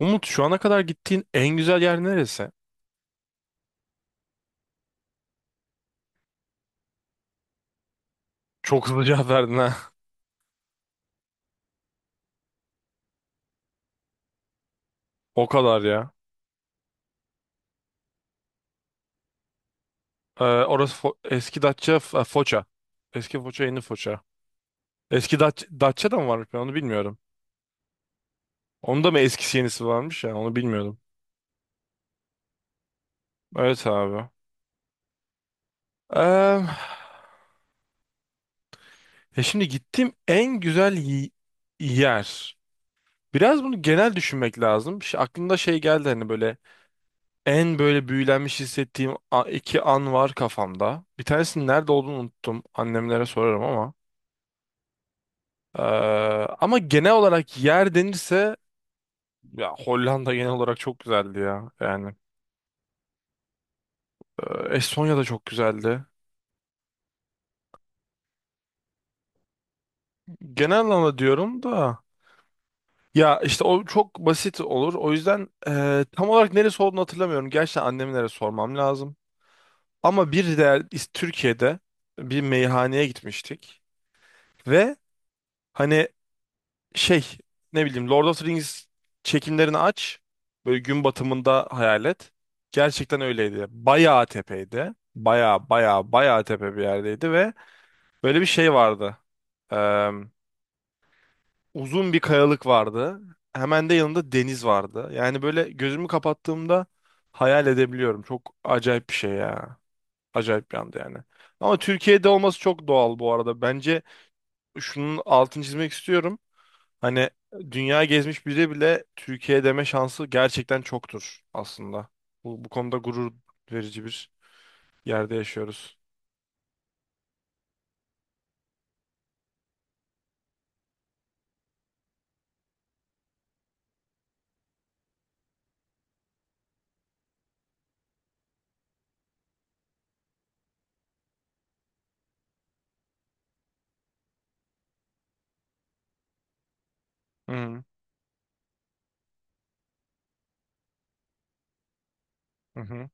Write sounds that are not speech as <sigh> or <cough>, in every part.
Umut şu ana kadar gittiğin en güzel yer neresi? Çok hızlı cevap verdin ha. <laughs> O kadar ya. Orası eski Datça Foça. Eski Foça yeni Foça. Eski Datça, Datça da mı varmış ben onu bilmiyorum. Onda mı eskisi yenisi varmış ya onu bilmiyordum. Evet abi. Ee, ya şimdi gittiğim en güzel yer. Biraz bunu genel düşünmek lazım. Aklımda şey geldi hani böyle en böyle büyülenmiş hissettiğim iki an var kafamda. Bir tanesinin nerede olduğunu unuttum. Annemlere sorarım ama. Ee, ama genel olarak yer denirse ya Hollanda genel olarak çok güzeldi ya. Yani Estonya da çok güzeldi. Genel anlamda diyorum da ya işte o çok basit olur. O yüzden tam olarak neresi olduğunu hatırlamıyorum. Gerçekten annemlere sormam lazım. Ama bir değer Türkiye'de bir meyhaneye gitmiştik ve hani şey ne bileyim Lord of the Rings çekimlerini aç. Böyle gün batımında hayal et. Gerçekten öyleydi. Bayağı tepeydi. Bayağı bayağı bayağı tepe bir yerdeydi ve böyle bir şey vardı. Ee, uzun bir kayalık vardı. Hemen de yanında deniz vardı. Yani böyle gözümü kapattığımda hayal edebiliyorum. Çok acayip bir şey ya. Acayip bir anda yani. Ama Türkiye'de olması çok doğal bu arada. Bence şunun altını çizmek istiyorum. Hani dünya gezmiş biri bile Türkiye deme şansı gerçekten çoktur aslında. Bu konuda gurur verici bir yerde yaşıyoruz. Hı hı. Hı hı.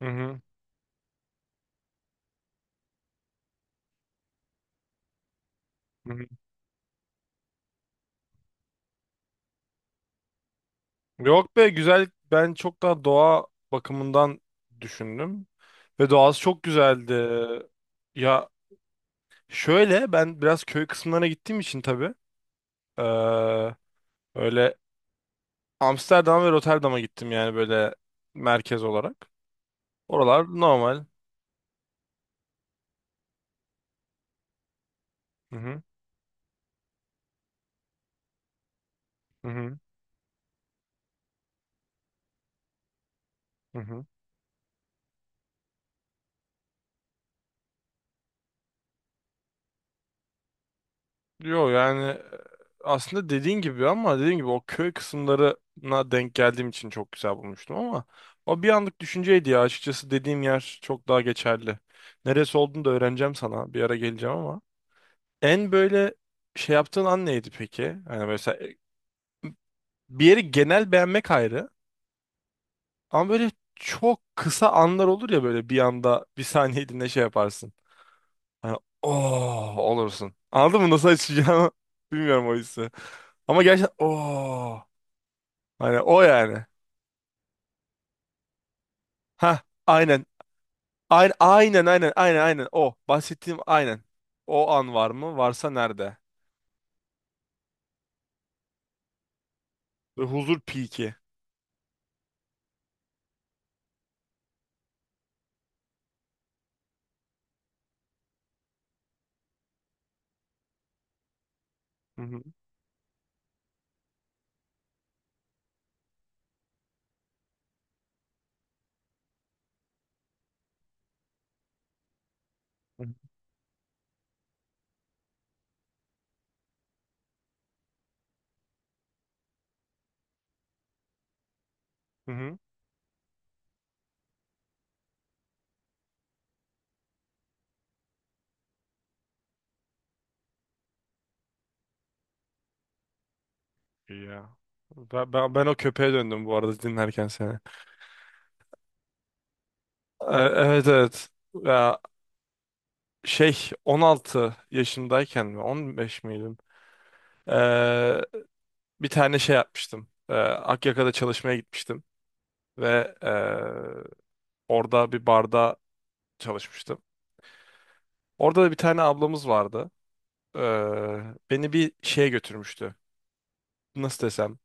Hı hı. Hı hı. Yok be güzel. Ben çok daha doğa bakımından düşündüm. Ve doğası çok güzeldi. Ya şöyle ben biraz köy kısımlarına gittiğim için tabii. eee, Öyle Amsterdam ve Rotterdam'a gittim yani böyle merkez olarak. Oralar normal. Hı hı. Hı hı. Hı hı. Yo yani aslında dediğin gibi ama dediğin gibi o köy kısımlarına denk geldiğim için çok güzel bulmuştum ama o bir anlık düşünceydi ya açıkçası dediğim yer çok daha geçerli. Neresi olduğunu da öğreneceğim sana bir ara geleceğim ama. En böyle şey yaptığın an neydi peki? Hani mesela bir yeri genel beğenmek ayrı ama böyle çok kısa anlar olur ya böyle bir anda bir saniyeliğine şey yaparsın. Hani oh olursun. Anladın mı nasıl açacağını? <laughs> Bilmiyorum o hissi. Ama gerçekten oh. Hani o yani. Ha aynen. Aynen aynen aynen aynen aynen o. Bahsettiğim aynen. O an var mı? Varsa nerede? Ve huzur piki. Hı hı. Hı hı. İyi ya. Ben o köpeğe döndüm bu arada dinlerken seni. Evet evet. Ya, 16 yaşındayken mi 15 miydim? Bir tane şey yapmıştım. Akyaka'da çalışmaya gitmiştim ve orada bir barda çalışmıştım. Orada da bir tane ablamız vardı. Ee, beni bir şeye götürmüştü. Nasıl desem?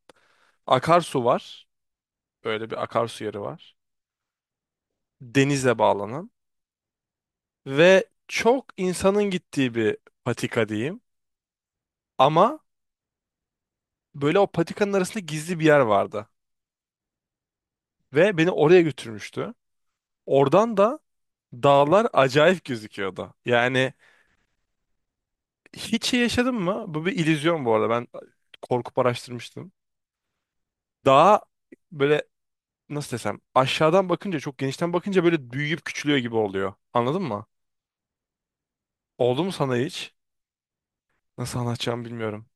Akarsu var. Böyle bir akarsu yeri var. Denize bağlanan ve çok insanın gittiği bir patika diyeyim. Ama böyle o patikanın arasında gizli bir yer vardı ve beni oraya götürmüştü. Oradan da dağlar acayip gözüküyordu. Yani hiç iyi yaşadın mı? Bu bir illüzyon bu arada. Ben korkup araştırmıştım. Daha böyle nasıl desem aşağıdan bakınca çok genişten bakınca böyle büyüyüp küçülüyor gibi oluyor. Anladın mı? Oldu mu sana hiç? Nasıl anlatacağımı bilmiyorum.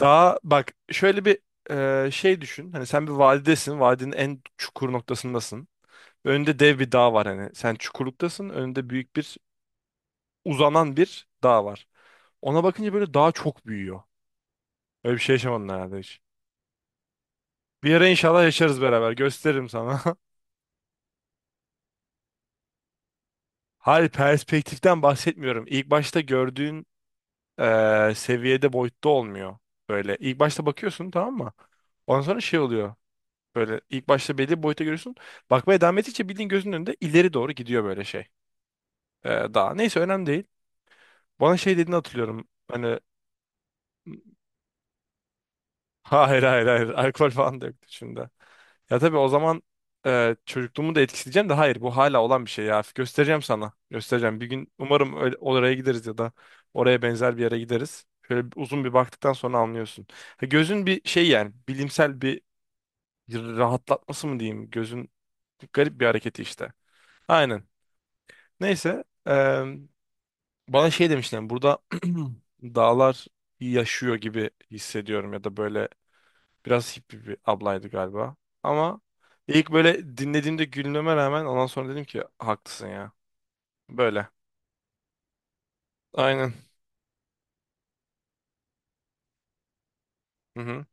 Daha bak şöyle bir şey düşün. Hani sen bir vadidesin. Vadinin en çukur noktasındasın. Önünde dev bir dağ var hani. Sen çukurluktasın. Önünde büyük bir uzanan bir dağ var. Ona bakınca böyle dağ çok büyüyor. Öyle bir şey yaşamadın herhalde hiç. Bir ara inşallah yaşarız beraber. Gösteririm sana. <laughs> Hayır perspektiften bahsetmiyorum. İlk başta gördüğün seviyede boyutta olmuyor. Böyle ilk başta bakıyorsun tamam mı? Ondan sonra şey oluyor. Böyle ilk başta belli bir boyuta görüyorsun. Bakmaya devam ettikçe bildiğin gözünün önünde ileri doğru gidiyor böyle şey. Daha neyse önemli değil. Bana şey dediğini hatırlıyorum. Hani hayır hayır hayır alkol falan da yoktu şimdi. Ya tabii o zaman çocukluğumu da etkileyeceğim de hayır bu hala olan bir şey ya. Göstereceğim sana. Göstereceğim. Bir gün umarım öyle, oraya gideriz ya da oraya benzer bir yere gideriz. Şöyle uzun bir baktıktan sonra anlıyorsun. Ha, gözün bir şey yani bilimsel bir rahatlatması mı diyeyim? Gözün garip bir hareketi işte. Aynen. Neyse bana şey demişler burada <clears throat> dağlar yaşıyor gibi hissediyorum ya da böyle biraz hippie bir ablaydı galiba. Ama ilk böyle dinlediğimde gülmeme rağmen ondan sonra dedim ki haklısın ya. Böyle. Aynen. Hı hı.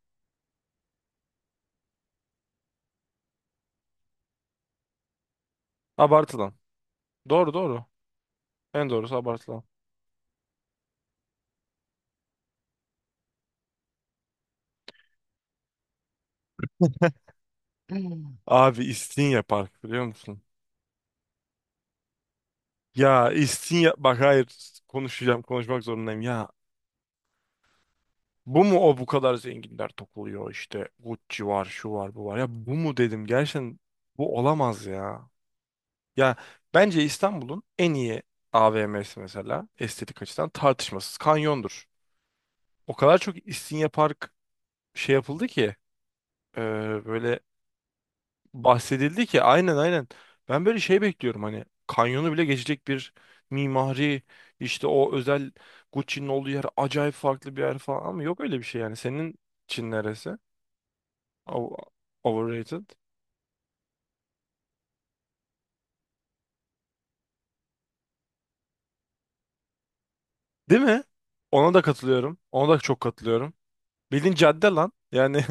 Abartılan. Doğru doğru. En doğrusu abartılan. Hmm. Abi İstinye Park biliyor musun? Ya İstinye bak hayır konuşacağım konuşmak zorundayım ya. Bu mu o bu kadar zenginler topluyor işte Gucci var şu var bu var ya bu mu dedim gerçekten bu olamaz ya. Ya bence İstanbul'un en iyi AVM'si mesela estetik açıdan tartışmasız Kanyon'dur. O kadar çok İstinye Park şey yapıldı ki e, böyle bahsedildi ki aynen aynen. Ben böyle şey bekliyorum hani Kanyon'u bile geçecek bir mimari işte o özel Gucci'nin olduğu yer acayip farklı bir yer falan ama yok öyle bir şey yani. Senin için neresi? O- Overrated. Değil mi? Ona da katılıyorum. Ona da çok katılıyorum. Bildiğin cadde lan. Yani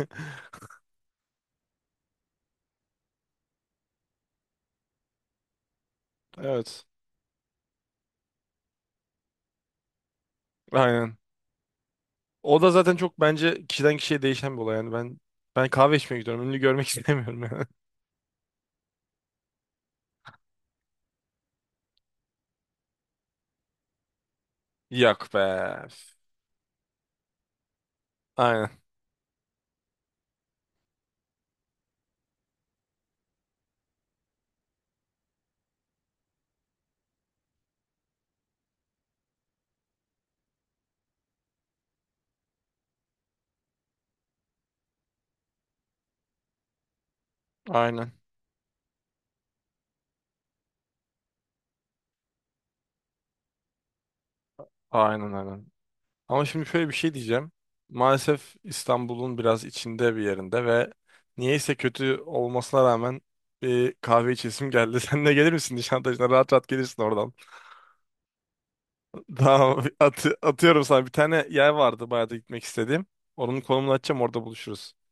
<laughs> evet. Aynen. O da zaten çok bence kişiden kişiye değişen bir olay. Yani ben kahve içmeye gidiyorum. Ünlü görmek istemiyorum yani. <laughs> Yok be. Aynen. Aynen. Aynen aynen. Ama şimdi şöyle bir şey diyeceğim. Maalesef İstanbul'un biraz içinde bir yerinde ve niyeyse kötü olmasına rağmen bir kahve içesim geldi. <laughs> Sen de gelir misin Nişantaşı'na? Rahat rahat gelirsin oradan. <laughs> Tamam. At atıyorum sana. Bir tane yer vardı bayağı da gitmek istediğim. Onun konumunu açacağım orada buluşuruz.